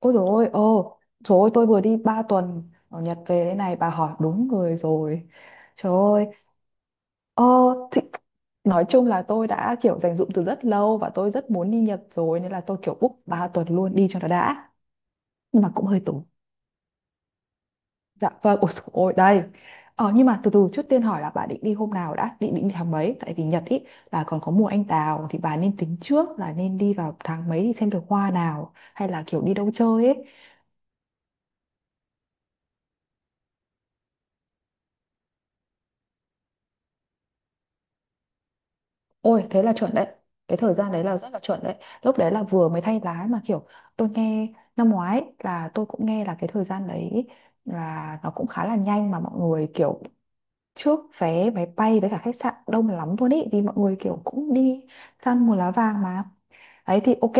Ôi dồi ôi, ồ, trời ơi, tôi vừa đi 3 tuần ở Nhật về đây này, bà hỏi đúng người rồi. Trời ơi, ờ, thì, nói chung là tôi đã kiểu dành dụm từ rất lâu và tôi rất muốn đi Nhật rồi nên là tôi kiểu book 3 tuần luôn đi cho nó đã. Nhưng mà cũng hơi tốn. Dạ vâng, ôi dồi ôi, đây. Ờ, nhưng mà từ từ trước tiên hỏi là bà định đi hôm nào đã, định định tháng mấy? Tại vì Nhật ý là còn có mùa anh đào thì bà nên tính trước là nên đi vào tháng mấy thì xem được hoa nào hay là kiểu đi đâu chơi ấy. Ôi thế là chuẩn đấy. Cái thời gian đấy là rất là chuẩn đấy. Lúc đấy là vừa mới thay lá mà kiểu tôi nghe năm ngoái, là tôi cũng nghe là cái thời gian đấy là nó cũng khá là nhanh mà mọi người kiểu trước vé máy bay với cả khách sạn đông lắm luôn ý. Vì mọi người kiểu cũng đi săn mùa lá vàng mà. Đấy thì ok.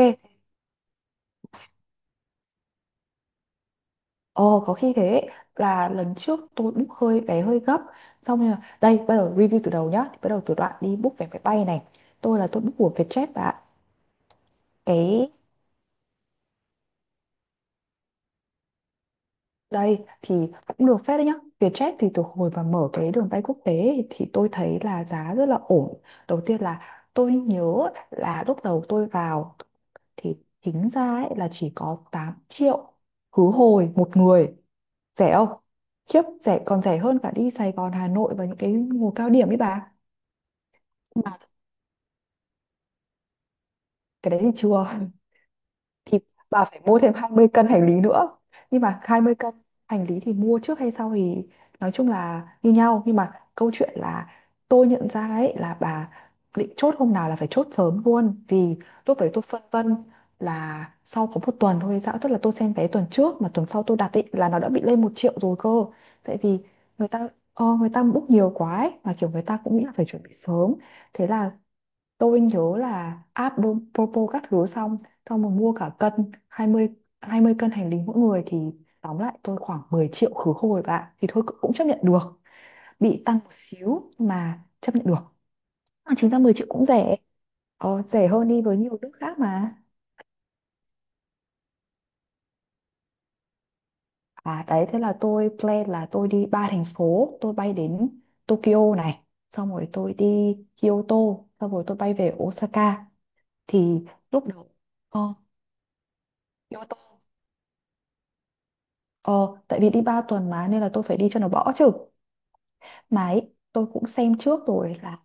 Ồ có khi thế là lần trước tôi book hơi vé hơi gấp. Xong rồi đây bây giờ review từ đầu nhá. Thì bắt đầu từ đoạn đi book vé máy bay này. Tôi là tôi book của Vietjet và cái. Đây thì cũng được phép đấy nhá. Vietjet thì từ hồi mà mở cái đường bay quốc tế ấy, thì tôi thấy là giá rất là ổn. Đầu tiên là tôi nhớ là lúc đầu tôi vào thì tính ra ấy là chỉ có 8 triệu khứ hồi một người. Rẻ không? Khiếp, rẻ còn rẻ hơn cả đi Sài Gòn, Hà Nội và những cái mùa cao điểm ấy bà. Mà cái đấy thì chưa. Thì bà phải mua thêm 20 cân hành lý nữa, nhưng mà 20 cân hành lý thì mua trước hay sau thì nói chung là như nhau, nhưng mà câu chuyện là tôi nhận ra ấy là bà định chốt hôm nào là phải chốt sớm luôn, vì lúc đấy tôi phân vân là sau có một tuần thôi hay sao, tức là tôi xem vé tuần trước mà tuần sau tôi đặt ấy là nó đã bị lên một triệu rồi cơ. Tại vì người ta người ta book nhiều quá ấy, mà kiểu người ta cũng nghĩ là phải chuẩn bị sớm. Thế là tôi nhớ là Propo các thứ xong, mà mua cả cân 20 20 cân hành lý mỗi người thì tóm lại tôi khoảng 10 triệu khứ hồi bạn thì thôi cũng chấp nhận được, bị tăng một xíu mà chấp nhận được. À, chính ra 10 triệu cũng rẻ, rẻ hơn đi với nhiều nước khác mà. À đấy thế là tôi plan là tôi đi ba thành phố. Tôi bay đến Tokyo này, xong rồi tôi đi Kyoto, xong rồi tôi bay về Osaka. Thì lúc đầu ờ, Kyoto. Ờ, tại vì đi 3 tuần mà nên là tôi phải đi cho nó bỏ chứ. Mà ấy, tôi cũng xem trước rồi là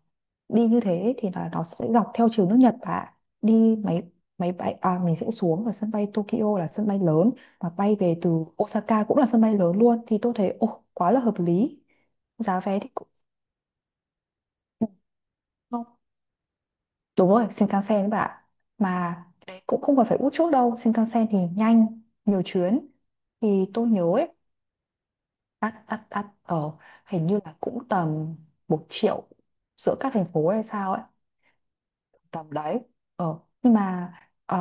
đi như thế thì là nó sẽ dọc theo chiều nước Nhật, và đi máy máy bay, à mình sẽ xuống ở sân bay Tokyo là sân bay lớn và bay về từ Osaka cũng là sân bay lớn luôn, thì tôi thấy ồ quá là hợp lý. Giá vé thì cũng ừ, không. Đúng rồi, Shinkansen đấy bạn. Mà đấy, cũng không còn phải út chốt đâu, Shinkansen thì nhanh, nhiều chuyến. Thì tôi nhớ ấy, ắt ắt ắt ờ hình như là cũng tầm một triệu giữa các thành phố hay sao ấy, tầm đấy. Ờ nhưng mà ờ,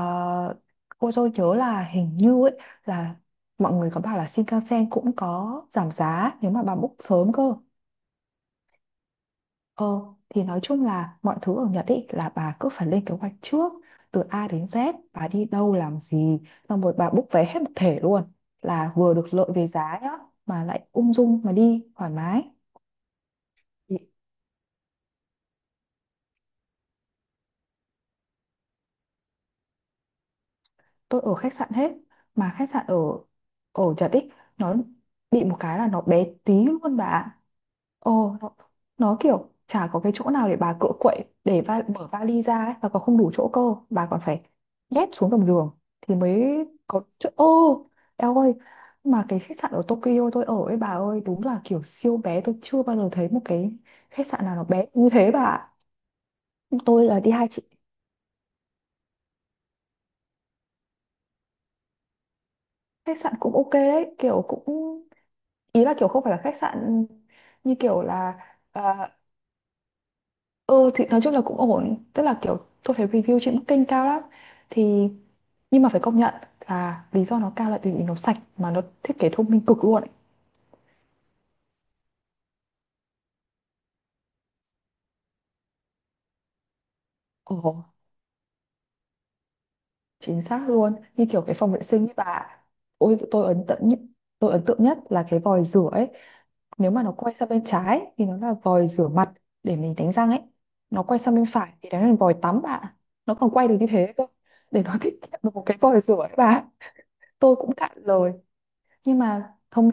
cô tôi nhớ là hình như ấy là mọi người có bảo là Shinkansen cũng có giảm giá nếu mà bà book sớm cơ. Ờ thì nói chung là mọi thứ ở Nhật ấy là bà cứ phải lên kế hoạch trước, từ A đến Z bà đi đâu làm gì, xong rồi bà book vé hết một thể luôn, là vừa được lợi về giá nhá, mà lại ung dung mà đi thoải mái. Tôi ở khách sạn hết, mà khách sạn ở ở Trà Tích nó bị một cái là nó bé tí luôn bà ạ. Ồ nó kiểu chả có cái chỗ nào để bà cựa quậy để mở vali ra ấy, và còn không đủ chỗ cơ, bà còn phải nhét xuống gầm giường thì mới có chỗ ô. Eo ơi, mà cái khách sạn ở Tokyo tôi ở ấy bà ơi đúng là kiểu siêu bé, tôi chưa bao giờ thấy một cái khách sạn nào nó bé như thế bà ạ. Tôi là đi hai chị. Khách sạn cũng ok đấy kiểu cũng, ý là kiểu không phải là khách sạn như kiểu là à, ừ thì nói chung là cũng ổn, tức là kiểu tôi thấy review trên Booking kênh cao lắm thì, nhưng mà phải công nhận là lý do nó cao là tại vì nó sạch mà nó thiết kế thông minh cực luôn ấy. Ồ. Chính xác luôn như kiểu cái phòng vệ sinh ấy bà, ôi tôi ấn tượng nhất là cái vòi rửa ấy. Nếu mà nó quay sang bên trái thì nó là vòi rửa mặt để mình đánh răng ấy, nó quay sang bên phải thì đấy là vòi tắm bạn, nó còn quay được như thế cơ, để nó tiết kiệm được một cái vòi rửa ấy bà. Tôi cũng cạn lời nhưng mà thông.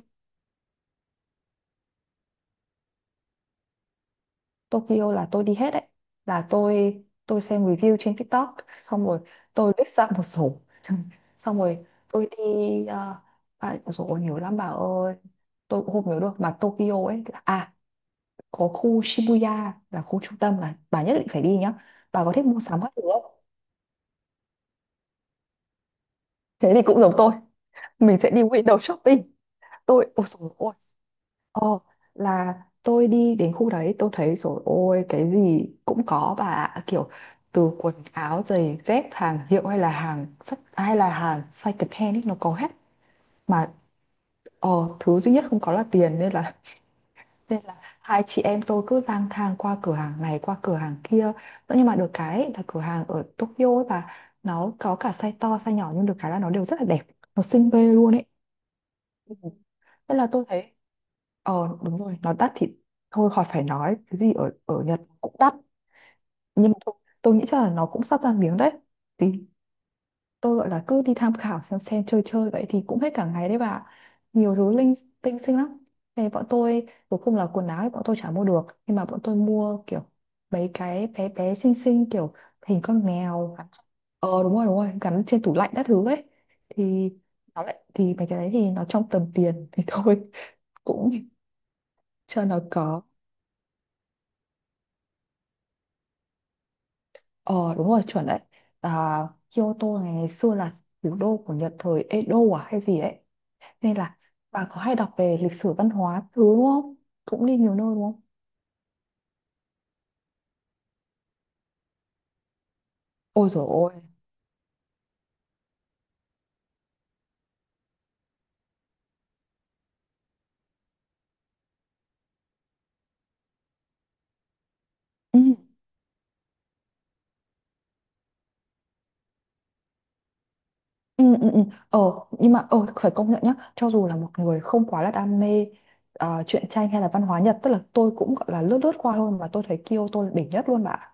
Tokyo là tôi đi hết đấy, là tôi xem review trên TikTok xong rồi tôi list ra một số, xong rồi tôi đi, uh, à, ôi dồi ôi, nhiều lắm bà ơi, tôi cũng không nhớ được mà Tokyo ấy là- à, có khu Shibuya là khu trung tâm là bà nhất định phải đi nhá. Bà có thích mua sắm các thứ không? Thế thì cũng giống tôi, mình sẽ đi window shopping. Tôi ôi dồi ôi, ồ, là tôi đi đến khu đấy tôi thấy rồi ôi cái gì cũng có bà ạ. Kiểu từ quần áo giày dép hàng hiệu hay là hàng sách hay là hàng second hand ấy nó có hết mà, ờ, thứ duy nhất không có là tiền nên là nên là hai chị em tôi cứ lang thang qua cửa hàng này qua cửa hàng kia, nhưng mà được cái ấy là cửa hàng ở Tokyo ấy bà nó có cả size to size nhỏ, nhưng được cái là nó đều rất là đẹp, nó xinh ghê luôn ấy. Ừ. Thế là tôi thấy. Ờ đúng rồi, nó đắt thì thôi khỏi phải nói, cái gì ở ở Nhật cũng đắt. Nhưng mà thôi, tôi nghĩ chắc là nó cũng sắp ra miếng đấy. Thì tôi gọi là cứ đi tham khảo xem chơi chơi vậy thì cũng hết cả ngày đấy bà ạ. Nhiều thứ linh tinh xinh lắm. Thế bọn tôi cuối cùng là quần áo thì bọn tôi chả mua được, nhưng mà bọn tôi mua kiểu mấy cái bé bé xinh xinh kiểu hình con mèo. Gắn-. Ờ đúng rồi, gắn trên tủ lạnh các thứ ấy. Thì nó lại thì mấy cái đấy thì nó trong tầm tiền thì thôi, cũng cho nó có. Ờ đúng rồi chuẩn đấy, à, Kyoto này ngày xưa là thủ đô của Nhật thời Edo à hay gì đấy. Nên là bà có hay đọc về lịch sử văn hóa thứ đúng không? Cũng đi nhiều nơi đúng không? Ôi dồi ôi. Ừ, ừ, ừ, ừ. Ờ nhưng mà phải công nhận nhá. Cho dù là một người không quá là đam mê à, truyện tranh hay là văn hóa Nhật, tức là tôi cũng gọi là lướt lướt qua thôi, mà tôi thấy Kyoto là đỉnh nhất luôn bà ạ.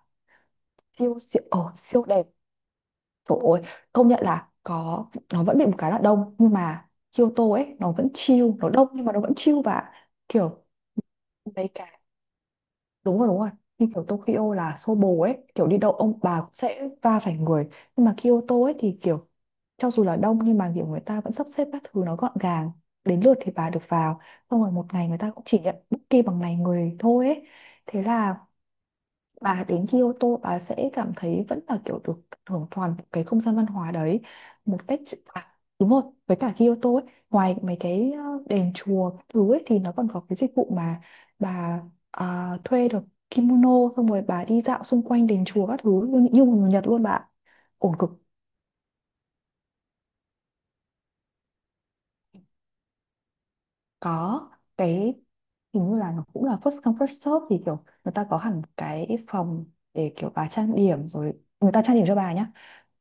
Siêu siêu, siêu đẹp. Trời ơi, công nhận là có, nó vẫn bị một cái là đông nhưng mà Kyoto ấy nó vẫn chill, nó đông nhưng mà nó vẫn chill, và kiểu mấy cái, đúng rồi đúng rồi. Như kiểu Tokyo là xô bồ ấy, kiểu đi đâu ông bà cũng sẽ va phải người. Nhưng mà Kyoto ấy thì kiểu cho dù là đông nhưng mà kiểu người ta vẫn sắp xếp các thứ nó gọn gàng. Đến lượt thì bà được vào. Xong rồi một ngày người ta cũng chỉ nhận booking bằng ngày người thôi ấy. Thế là bà đến Kyoto bà sẽ cảm thấy vẫn là kiểu được hưởng toàn bộ cái không gian văn hóa đấy một cách à, đúng rồi. Với cả Kyoto ấy, ngoài mấy cái đền chùa các thứ ấy thì nó còn có cái dịch vụ mà bà à, thuê được kimono, xong rồi bà đi dạo xung quanh đền chùa các thứ như một người Nhật luôn bà ạ. Ổn cực. Có cái hình như là nó cũng là first come first serve, thì kiểu người ta có hẳn cái phòng để kiểu bà trang điểm rồi, người ta trang điểm cho bà nhá,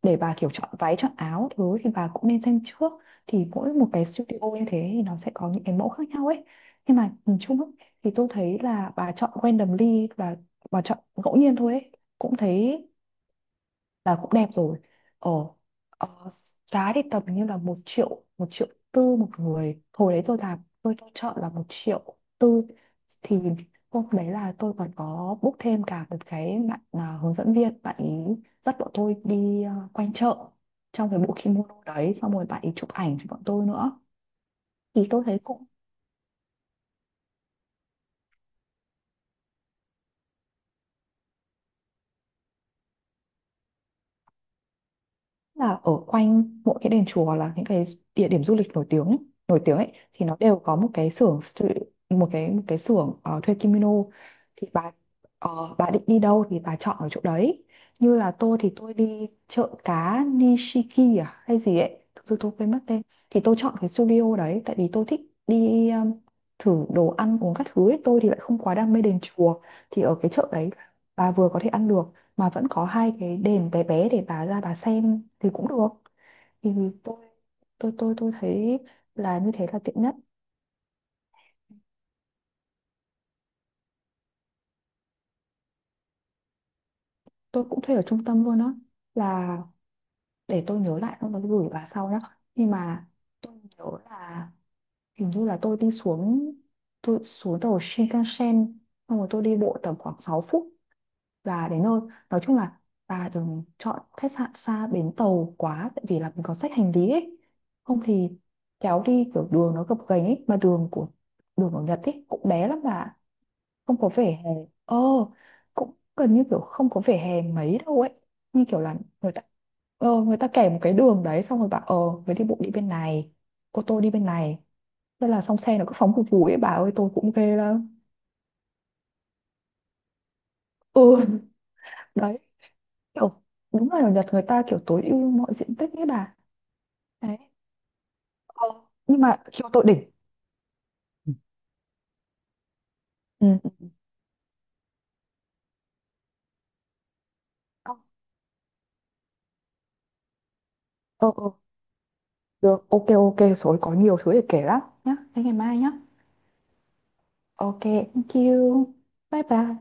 để bà kiểu chọn váy chọn áo thứ thì bà cũng nên xem trước. Thì mỗi một cái studio như thế thì nó sẽ có những cái mẫu khác nhau ấy, nhưng mà nhìn chung ấy, thì tôi thấy là bà chọn randomly, là bà chọn ngẫu nhiên thôi ấy, cũng thấy là cũng đẹp rồi. ờ, ờ, Giá thì tầm như là 1.000.000 1.400.000 một người, hồi đấy tôi làm tôi chọn là 1.400.000. Thì hôm đấy là tôi còn có book thêm cả một cái bạn à, hướng dẫn viên, bạn ý dắt bọn tôi đi à, quanh chợ trong cái bộ kimono đấy, xong rồi bạn ý chụp ảnh cho bọn tôi nữa. Thì tôi thấy cũng là ở quanh mỗi cái đền chùa là những cái địa điểm du lịch nổi tiếng ấy thì nó đều có một cái một cái xưởng thuê kimono. Thì bà định đi đâu thì bà chọn ở chỗ đấy, như là tôi thì tôi đi chợ cá Nishiki à hay gì ấy, thực sự tôi quên mất tên. Thì tôi chọn cái studio đấy tại vì tôi thích đi thử đồ ăn uống các thứ ấy, tôi thì lại không quá đam mê đền chùa. Thì ở cái chợ đấy bà vừa có thể ăn được mà vẫn có hai cái đền bé bé để bà ra bà xem thì cũng được. Thì tôi tôi thấy là như thế là tiện nhất. Tôi cũng thuê ở trung tâm luôn á, là để tôi nhớ lại xong rồi tôi gửi bà sau nhá. Nhưng mà tôi nhớ là hình như là tôi xuống tàu Shinkansen xong rồi tôi đi bộ tầm khoảng 6 phút và đến nơi. Nói chung là bà đừng chọn khách sạn xa bến tàu quá tại vì là mình có xách hành lý ấy, không thì kéo đi kiểu đường nó gập ghềnh ấy, mà đường ở Nhật ấy cũng bé lắm bà, không có vỉa hè. ờ Cũng gần như kiểu không có vỉa hè mấy đâu ấy, như kiểu là người ta người ta kẻ một cái đường đấy xong rồi bảo người đi bộ đi bên này, ô tô đi bên này, thế là xong. Xe nó cứ phóng phù phù ấy bà ơi, tôi cũng ghê lắm. Ừ. Đấy, kiểu đúng là ở Nhật người ta kiểu tối ưu mọi diện tích ấy bà. Đấy. Ờ, nhưng mà khiêu tội đỉnh. Ừ, ừ, ờ, ờ, ờ, được. Ok ok rồi, có nhiều thứ để kể lắm nhá, thế ngày mai nhá. Ok. Thank you. Bye bye.